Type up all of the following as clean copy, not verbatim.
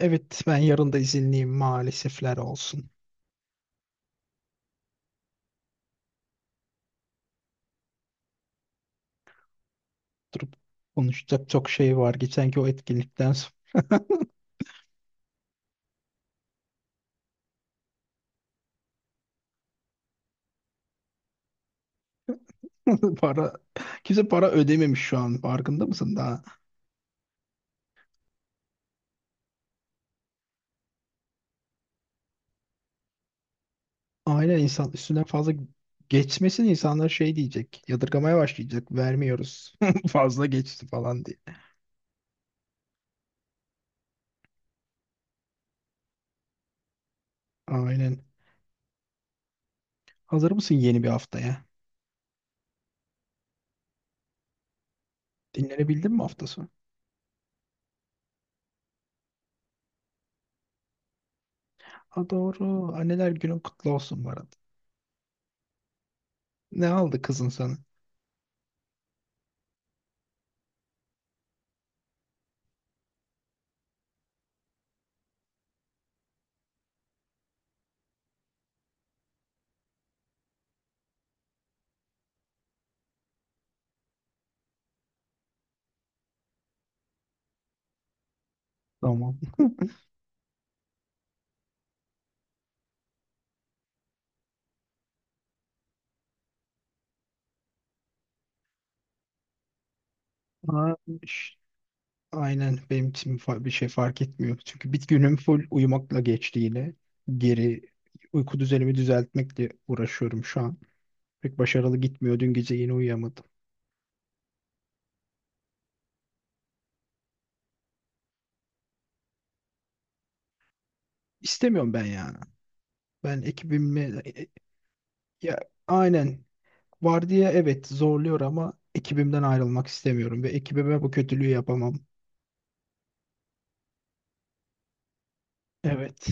Evet, ben yarın da izinliyim maalesefler olsun. Durup konuşacak çok şey var. Geçenki o etkinlikten sonra para kimse para ödememiş şu an. Farkında mısın daha? Aynen, insan üstüne fazla geçmesin, insanlar şey diyecek. Yadırgamaya başlayacak. Vermiyoruz. Fazla geçti falan diye. Aynen. Hazır mısın yeni bir haftaya? Dinlenebildin mi hafta sonu? Ha, doğru. Anneler günün kutlu olsun bu arada. Ne aldı kızın sana? Tamam. Ha, aynen, benim için bir şey fark etmiyor. Çünkü bir günüm full uyumakla geçti yine. Geri uyku düzenimi düzeltmekle uğraşıyorum şu an. Pek başarılı gitmiyor. Dün gece yine uyuyamadım. İstemiyorum ben ya. Ben ekibimle ya aynen, vardiya, evet, zorluyor ama ekibimden ayrılmak istemiyorum ve ekibime bu kötülüğü yapamam. Evet.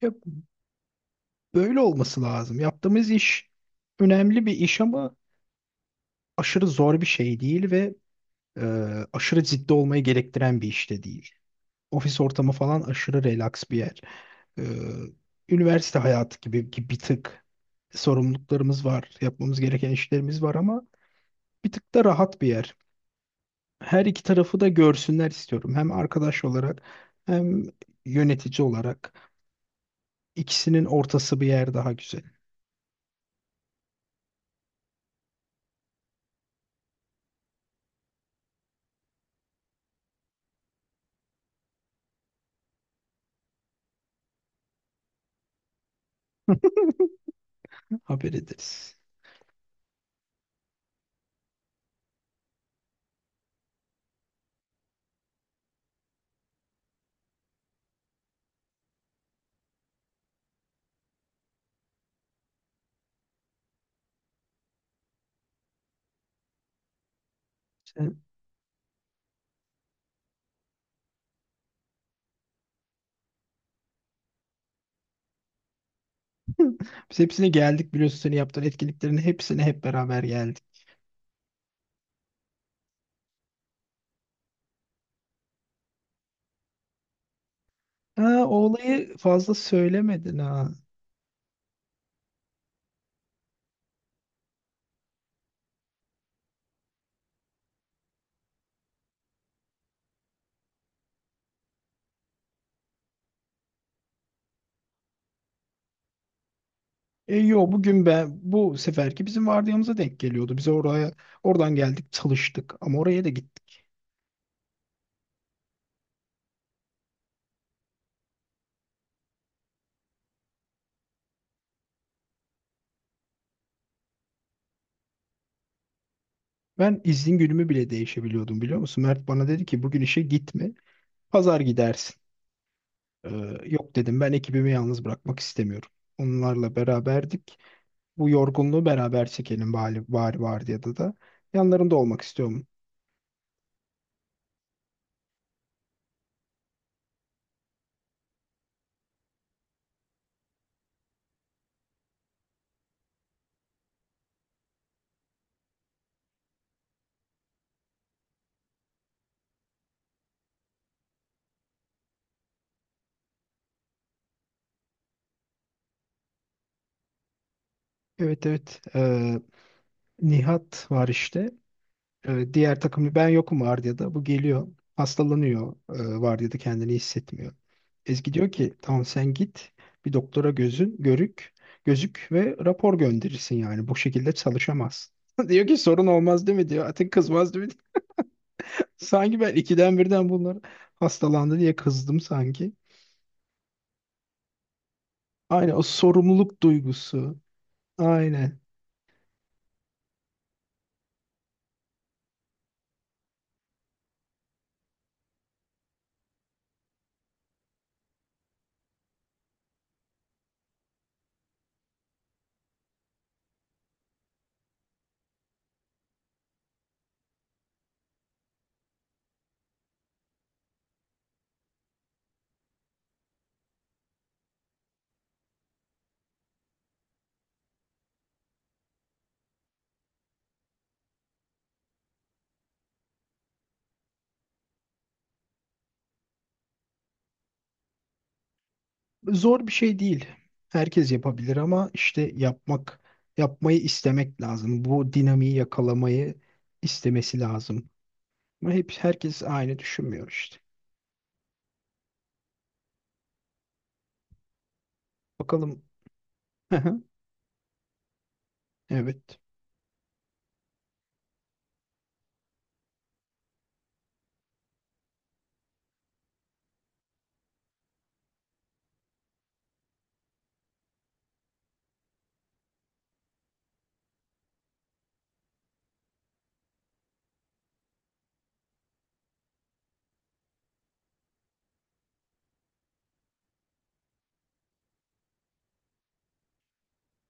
Ya, böyle olması lazım. Yaptığımız iş önemli bir iş ama aşırı zor bir şey değil ve e, aşırı ciddi olmayı gerektiren bir iş de değil. Ofis ortamı falan aşırı relax bir yer. E, üniversite hayatı gibi, bir tık sorumluluklarımız var, yapmamız gereken işlerimiz var ama bir tık da rahat bir yer. Her iki tarafı da görsünler istiyorum. Hem arkadaş olarak hem yönetici olarak. İkisinin ortası bir yer daha güzel. Haber ederiz. Sen- Biz hepsine geldik, biliyorsun, senin yaptığın etkinliklerin hepsine hep beraber geldik. Ha, o olayı fazla söylemedin ha. Yo, bugün ben, bu seferki bizim vardiyamıza denk geliyordu. Biz oraya oradan geldik, çalıştık ama oraya da gittik. Ben izin günümü bile değişebiliyordum, biliyor musun? Mert bana dedi ki bugün işe gitme, pazar gidersin. Ee, yok dedim, ben ekibimi yalnız bırakmak istemiyorum. Onlarla beraberdik. Bu yorgunluğu beraber çekelim bari, vardiyada da. Yanlarında olmak istiyorum. Evet, evet, Nihat var işte. Diğer takım, ben yokum vardiyada. Bu geliyor. Hastalanıyor, vardiyada kendini hissetmiyor. Ezgi diyor ki tamam, sen git, bir doktora gözün görük gözük ve rapor gönderirsin, yani bu şekilde çalışamazsın. Diyor ki sorun olmaz değil mi diyor. Atin kızmaz değil mi? Sanki ben ikiden birden bunlar hastalandı diye kızdım sanki. Aynen, o sorumluluk duygusu. Aynen. Zor bir şey değil. Herkes yapabilir ama işte yapmak, yapmayı istemek lazım. Bu dinamiği yakalamayı istemesi lazım. Ama hep herkes aynı düşünmüyor işte. Bakalım. Hı hı. Evet.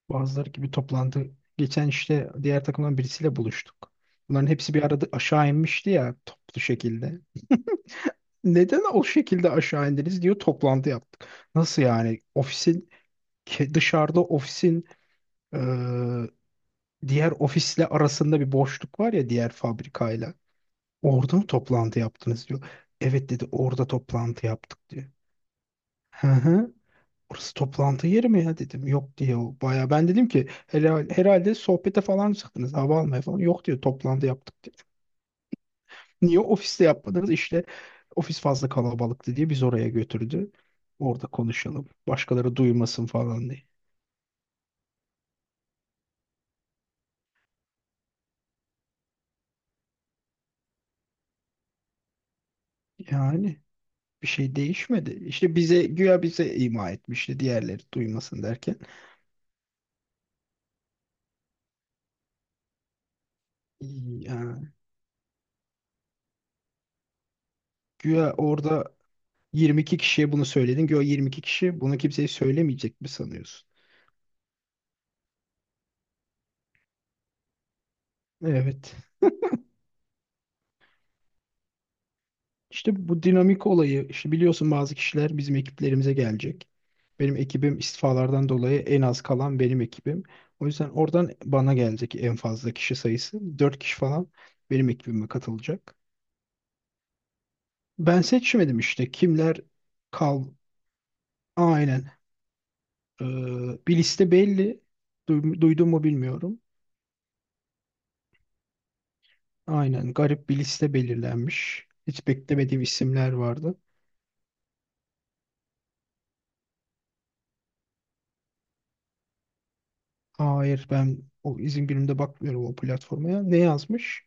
Bazıları gibi toplandı. Geçen işte diğer takımdan birisiyle buluştuk. Bunların hepsi bir arada aşağı inmişti ya, toplu şekilde. Neden o şekilde aşağı indiniz diyor, toplantı yaptık. Nasıl yani? Dışarıda, ofisin diğer ofisle arasında bir boşluk var ya, diğer fabrikayla. Orada mı toplantı yaptınız diyor. Evet, dedi, orada toplantı yaptık diyor. Hı hı. Orası toplantı yeri mi ya, dedim. Yok diyor, o baya. Ben dedim ki herhalde, sohbete falan çıktınız, hava almaya falan. Yok diyor, toplantı yaptık diyor. Niye ofiste yapmadınız? İşte ofis fazla kalabalıktı diye biz oraya götürdü. Orada konuşalım, başkaları duymasın falan diye. Yani bir şey değişmedi. İşte bize güya, bize ima etmişti diğerleri duymasın derken. Yani güya orada 22 kişiye bunu söyledin. Güya 22 kişi bunu kimseye söylemeyecek mi sanıyorsun? Evet. İşte bu dinamik olayı, işte biliyorsun, bazı kişiler bizim ekiplerimize gelecek. Benim ekibim istifalardan dolayı en az kalan benim ekibim. O yüzden oradan bana gelecek en fazla kişi sayısı, 4 kişi falan benim ekibime katılacak. Ben seçmedim işte kimler kal. Aynen. Ee, bir liste belli. Duydun mu bilmiyorum. Aynen, garip bir liste belirlenmiş. Hiç beklemediğim isimler vardı. Hayır, ben o izin günümde bakmıyorum o platformaya. Ne yazmış?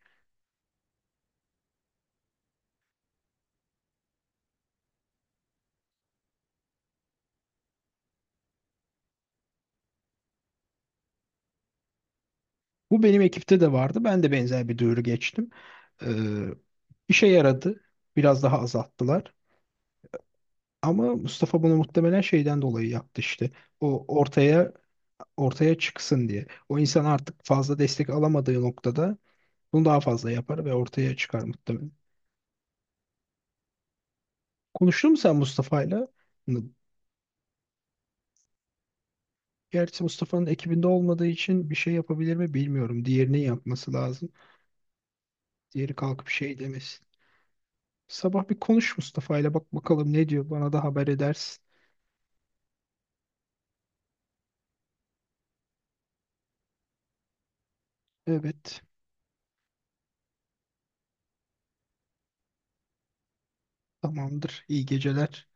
Bu benim ekipte de vardı. Ben de benzer bir duyuru geçtim. Ee, işe yaradı. Biraz daha azalttılar. Ama Mustafa bunu muhtemelen şeyden dolayı yaptı işte. O ortaya ortaya çıksın diye. O insan artık fazla destek alamadığı noktada bunu daha fazla yapar ve ortaya çıkar muhtemelen. Konuştun mu sen Mustafa'yla? Gerçi Mustafa'nın ekibinde olmadığı için bir şey yapabilir mi bilmiyorum. Diğerinin yapması lazım. Diğeri kalkıp şey demesin. Sabah bir konuş Mustafa ile, bak bakalım ne diyor. Bana da haber edersin. Evet, tamamdır. İyi geceler.